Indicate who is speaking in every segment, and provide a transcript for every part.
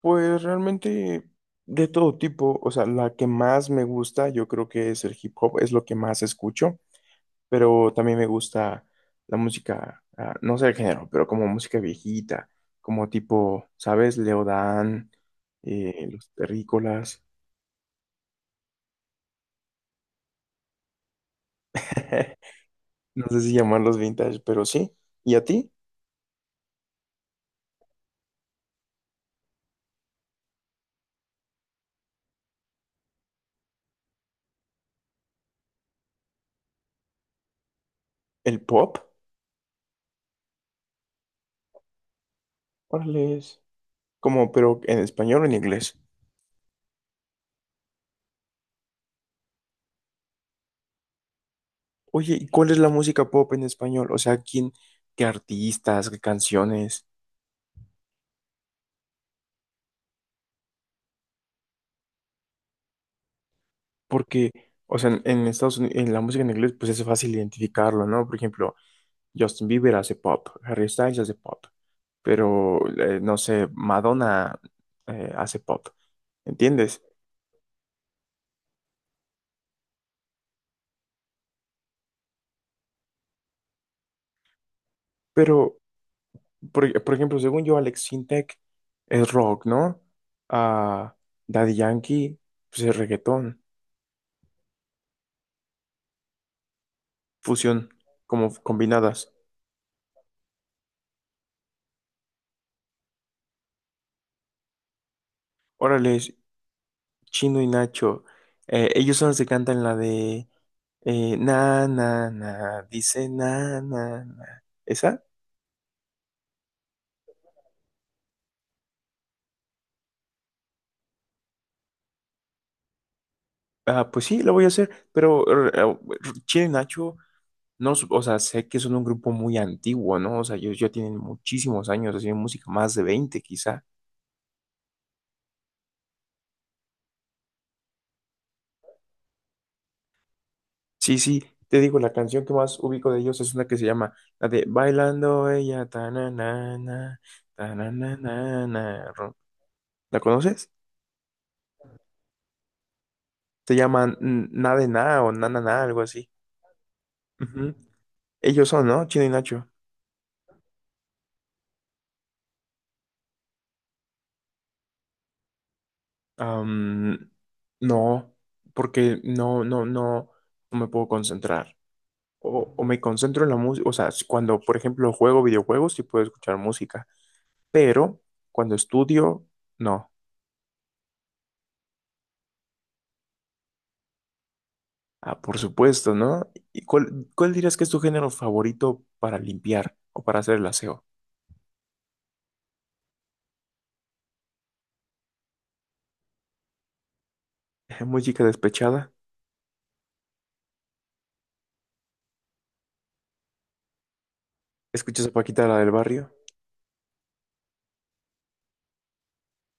Speaker 1: Pues realmente de todo tipo, o sea, la que más me gusta yo creo que es el hip hop, es lo que más escucho, pero también me gusta la música, no sé el género, pero como música viejita, como tipo, ¿sabes? Leodán, los terrícolas. No sé si llamarlos vintage, pero sí. ¿Y a ti? ¿El pop? Órale, es como, pero ¿en español o en inglés? Oye, ¿y cuál es la música pop en español? O sea, ¿quién, qué artistas, qué canciones? Porque, o sea, en Estados Unidos, en la música en inglés, pues es fácil identificarlo, ¿no? Por ejemplo, Justin Bieber hace pop, Harry Styles hace pop, pero, no sé, Madonna hace pop, ¿entiendes? Pero, por ejemplo, según yo, Alex Sintek es rock, ¿no? Ah, Daddy Yankee, pues es reggaetón, fusión, como combinadas. Órale, Chino y Nacho, ellos son los que cantan la de... na, na, na, dice na, na, na. ¿Esa? Ah, pues sí, la voy a hacer, pero Chile Nacho, no, o sea, sé que son un grupo muy antiguo, ¿no? O sea, ellos ya tienen muchísimos años haciendo música, más de 20, quizá. Sí, sí, te digo, la canción que más ubico de ellos es una que se llama la de Bailando ella, ta na na na, ta na na na na. ¿La conoces? Se llaman Na de Na o Na na na, algo así. Ujú. Ellos son, ¿no? Chile y Nacho. Am, no, porque no me puedo concentrar. O me concentro en la música, o sea, cuando, por ejemplo, juego videojuegos, sí puedo escuchar música, pero cuando estudio, no. Ah, por supuesto, ¿no? ¿Y cuál dirías que es tu género favorito para limpiar o para hacer el aseo? ¿Música despechada? ¿Escuchas a Paquita la del barrio?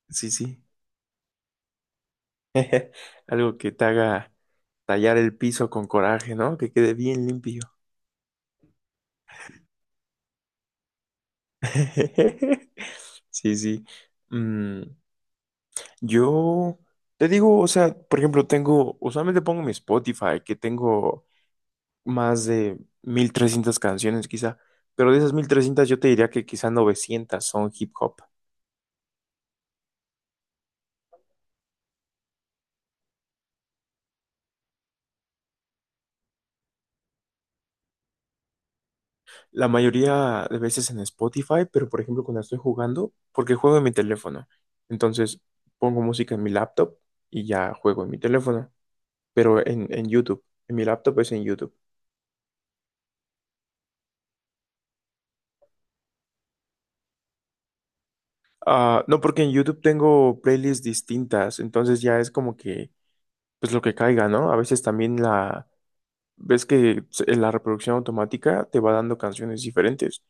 Speaker 1: Sí, sí. Algo que te haga tallar el piso con coraje, ¿no? Que quede bien limpio. Sí, sí. Mm, yo te digo, o sea, por ejemplo, tengo, usualmente pongo mi Spotify, que tengo más de 1.300 canciones quizá, pero de esas 1.300 yo te diría que quizá 900 son hip hop. La mayoría de veces en Spotify, pero por ejemplo cuando estoy jugando, porque juego en mi teléfono, entonces pongo música en mi laptop y ya juego en mi teléfono, pero en YouTube, en mi laptop es en YouTube. Ah, no, porque en YouTube tengo playlists distintas, entonces ya es como que, pues lo que caiga, ¿no? A veces también la, ves que la reproducción automática te va dando canciones diferentes.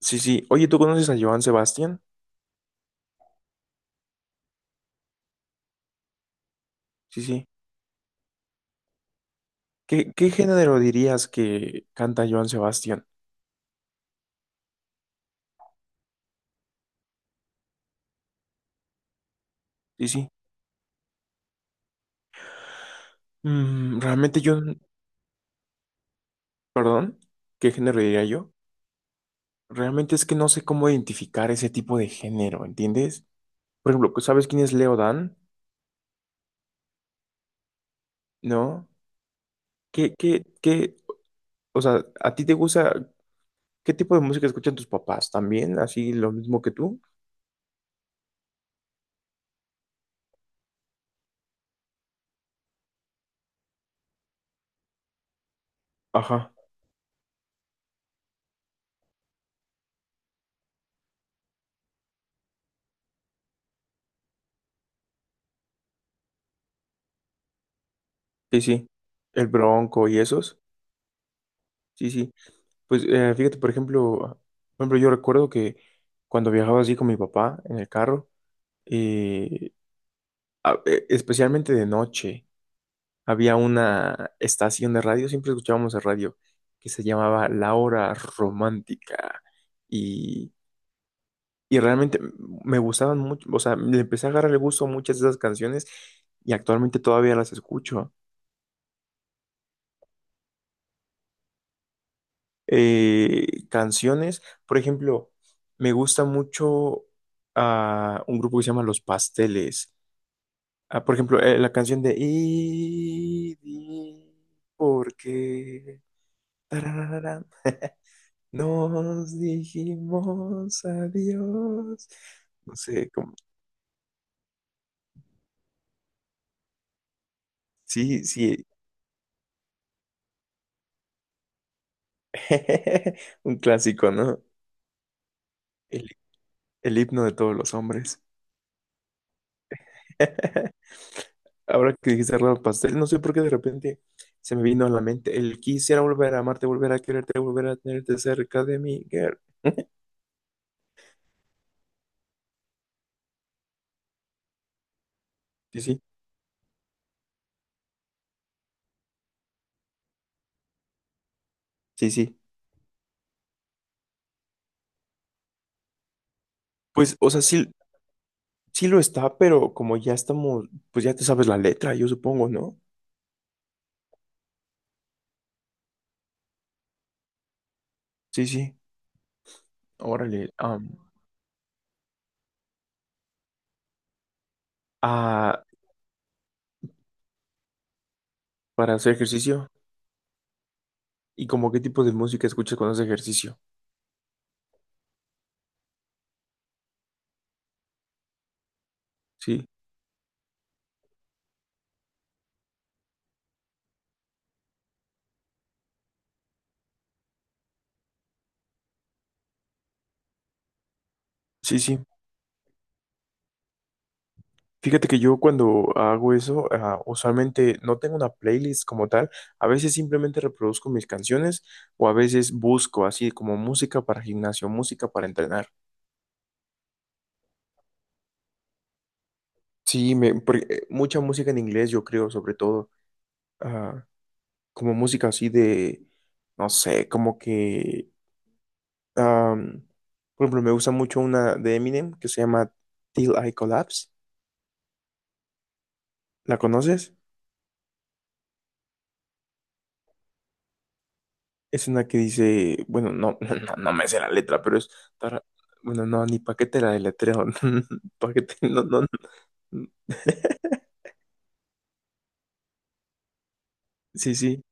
Speaker 1: Sí, sí. Oye, ¿tú conoces a Joan Sebastián? Sí, sí. ¿Qué género dirías que canta Joan Sebastián? Sí, sí. Mm, realmente yo, perdón, ¿qué género diría yo? Realmente es que no sé cómo identificar ese tipo de género, ¿entiendes? Por ejemplo, ¿sabes quién es Leo Dan? ¿No? Qué? O sea, ¿a ti te gusta qué tipo de música escuchan tus papás? ¿También así lo mismo que tú? Ajá, sí, sí. El Bronco y esos. Sí, sí. Pues fíjate, por ejemplo, yo recuerdo que cuando viajaba así con mi papá en el carro, eh, especialmente de noche, había una estación de radio, siempre escuchábamos el radio, que se llamaba La Hora Romántica. y Y realmente me gustaban mucho, o sea, le empecé a agarrar el gusto a muchas de esas canciones y actualmente todavía las escucho. Canciones, por ejemplo, me gusta mucho un grupo que se llama Los Pasteles. Ah, por ejemplo, la canción de Y di ¿por qué? Tarararán. Nos dijimos adiós. No sé, como, sí, sí. Un clásico, ¿no? El El himno de todos los hombres. Ahora que dijiste Rama Pastel, no sé por qué de repente se me vino a la mente el quisiera volver a amarte, volver a quererte, volver a tenerte cerca de mí, girl. Sí, sí, sí, sí. Pues, o sea, sí, sí lo está, pero como ya estamos, pues ya te sabes la letra, yo supongo, ¿no? Sí, sí. Órale. Ah, para hacer ejercicio. ¿Y como qué tipo de música escuchas cuando haces ejercicio? Sí, sí, sí. Fíjate que yo cuando hago eso, usualmente no tengo una playlist como tal, a veces simplemente reproduzco mis canciones o a veces busco así como música para gimnasio, música para entrenar. Sí, me, porque, mucha música en inglés yo creo, sobre todo, ah, como música así de, no sé, como que, am, por ejemplo, me gusta mucho una de Eminem que se llama Till I Collapse, ¿la conoces? Es una que dice, bueno, no, no, no me sé la letra, pero es para, bueno, no, ni paquete la deletreo. Paquete, no, no, no. Sí, sí,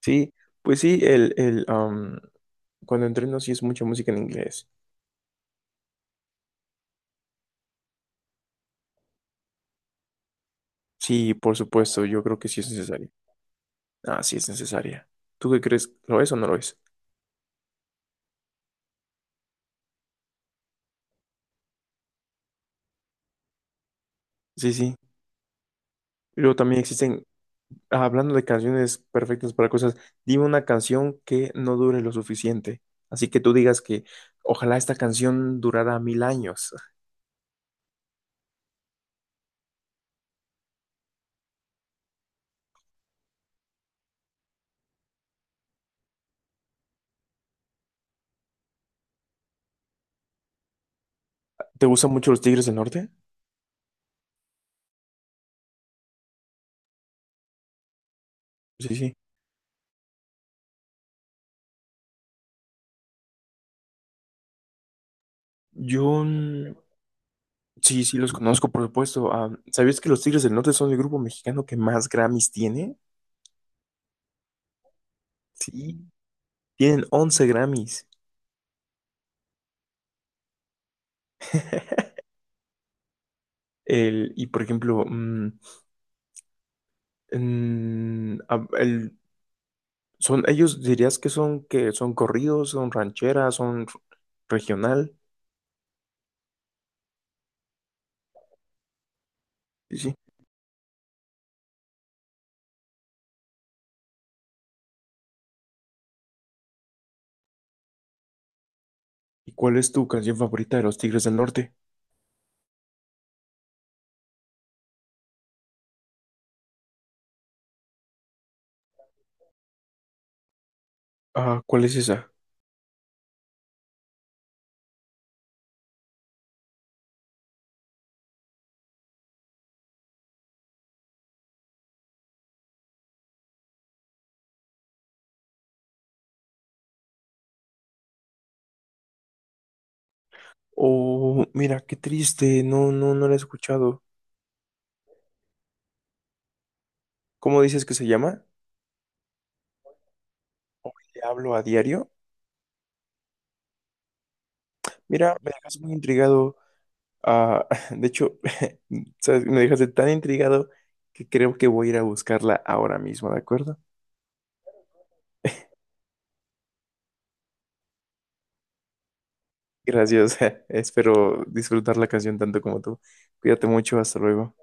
Speaker 1: sí, pues sí, el, cuando entreno sí es mucha música en inglés. Sí, por supuesto, yo creo que sí es necesaria. Ah, sí es necesaria. ¿Tú qué crees? ¿Lo es o no lo es? Sí, sí. Luego también existen. Hablando de canciones perfectas para cosas, dime una canción que no dure lo suficiente. Así que tú digas que ojalá esta canción durara 1.000 años. ¿Te gustan mucho los Tigres del Norte? Sí, sí. Yo sí, sí los conozco, por supuesto. Ah, ¿sabías que los Tigres del Norte son el grupo mexicano que más Grammys tiene? Sí, tienen 11 Grammys. Y por ejemplo, mm, ah, el- son, ellos dirías que son corridos, son rancheras, regional. Sí, sí. ¿Y cuál es tu canción favorita de los Tigres del Norte? Ah, ¿cuál es esa? Oh, mira, qué triste. No, no, no la he escuchado. ¿Cómo dices que se llama? ¿Te hablo a diario? Mira, me dejas muy intrigado. Ah, de hecho, ¿sabes? Me dejaste tan intrigado que creo que voy a ir a buscarla ahora mismo, ¿de acuerdo? Gracias. Espero disfrutar la canción tanto como tú. Cuídate mucho. Hasta luego.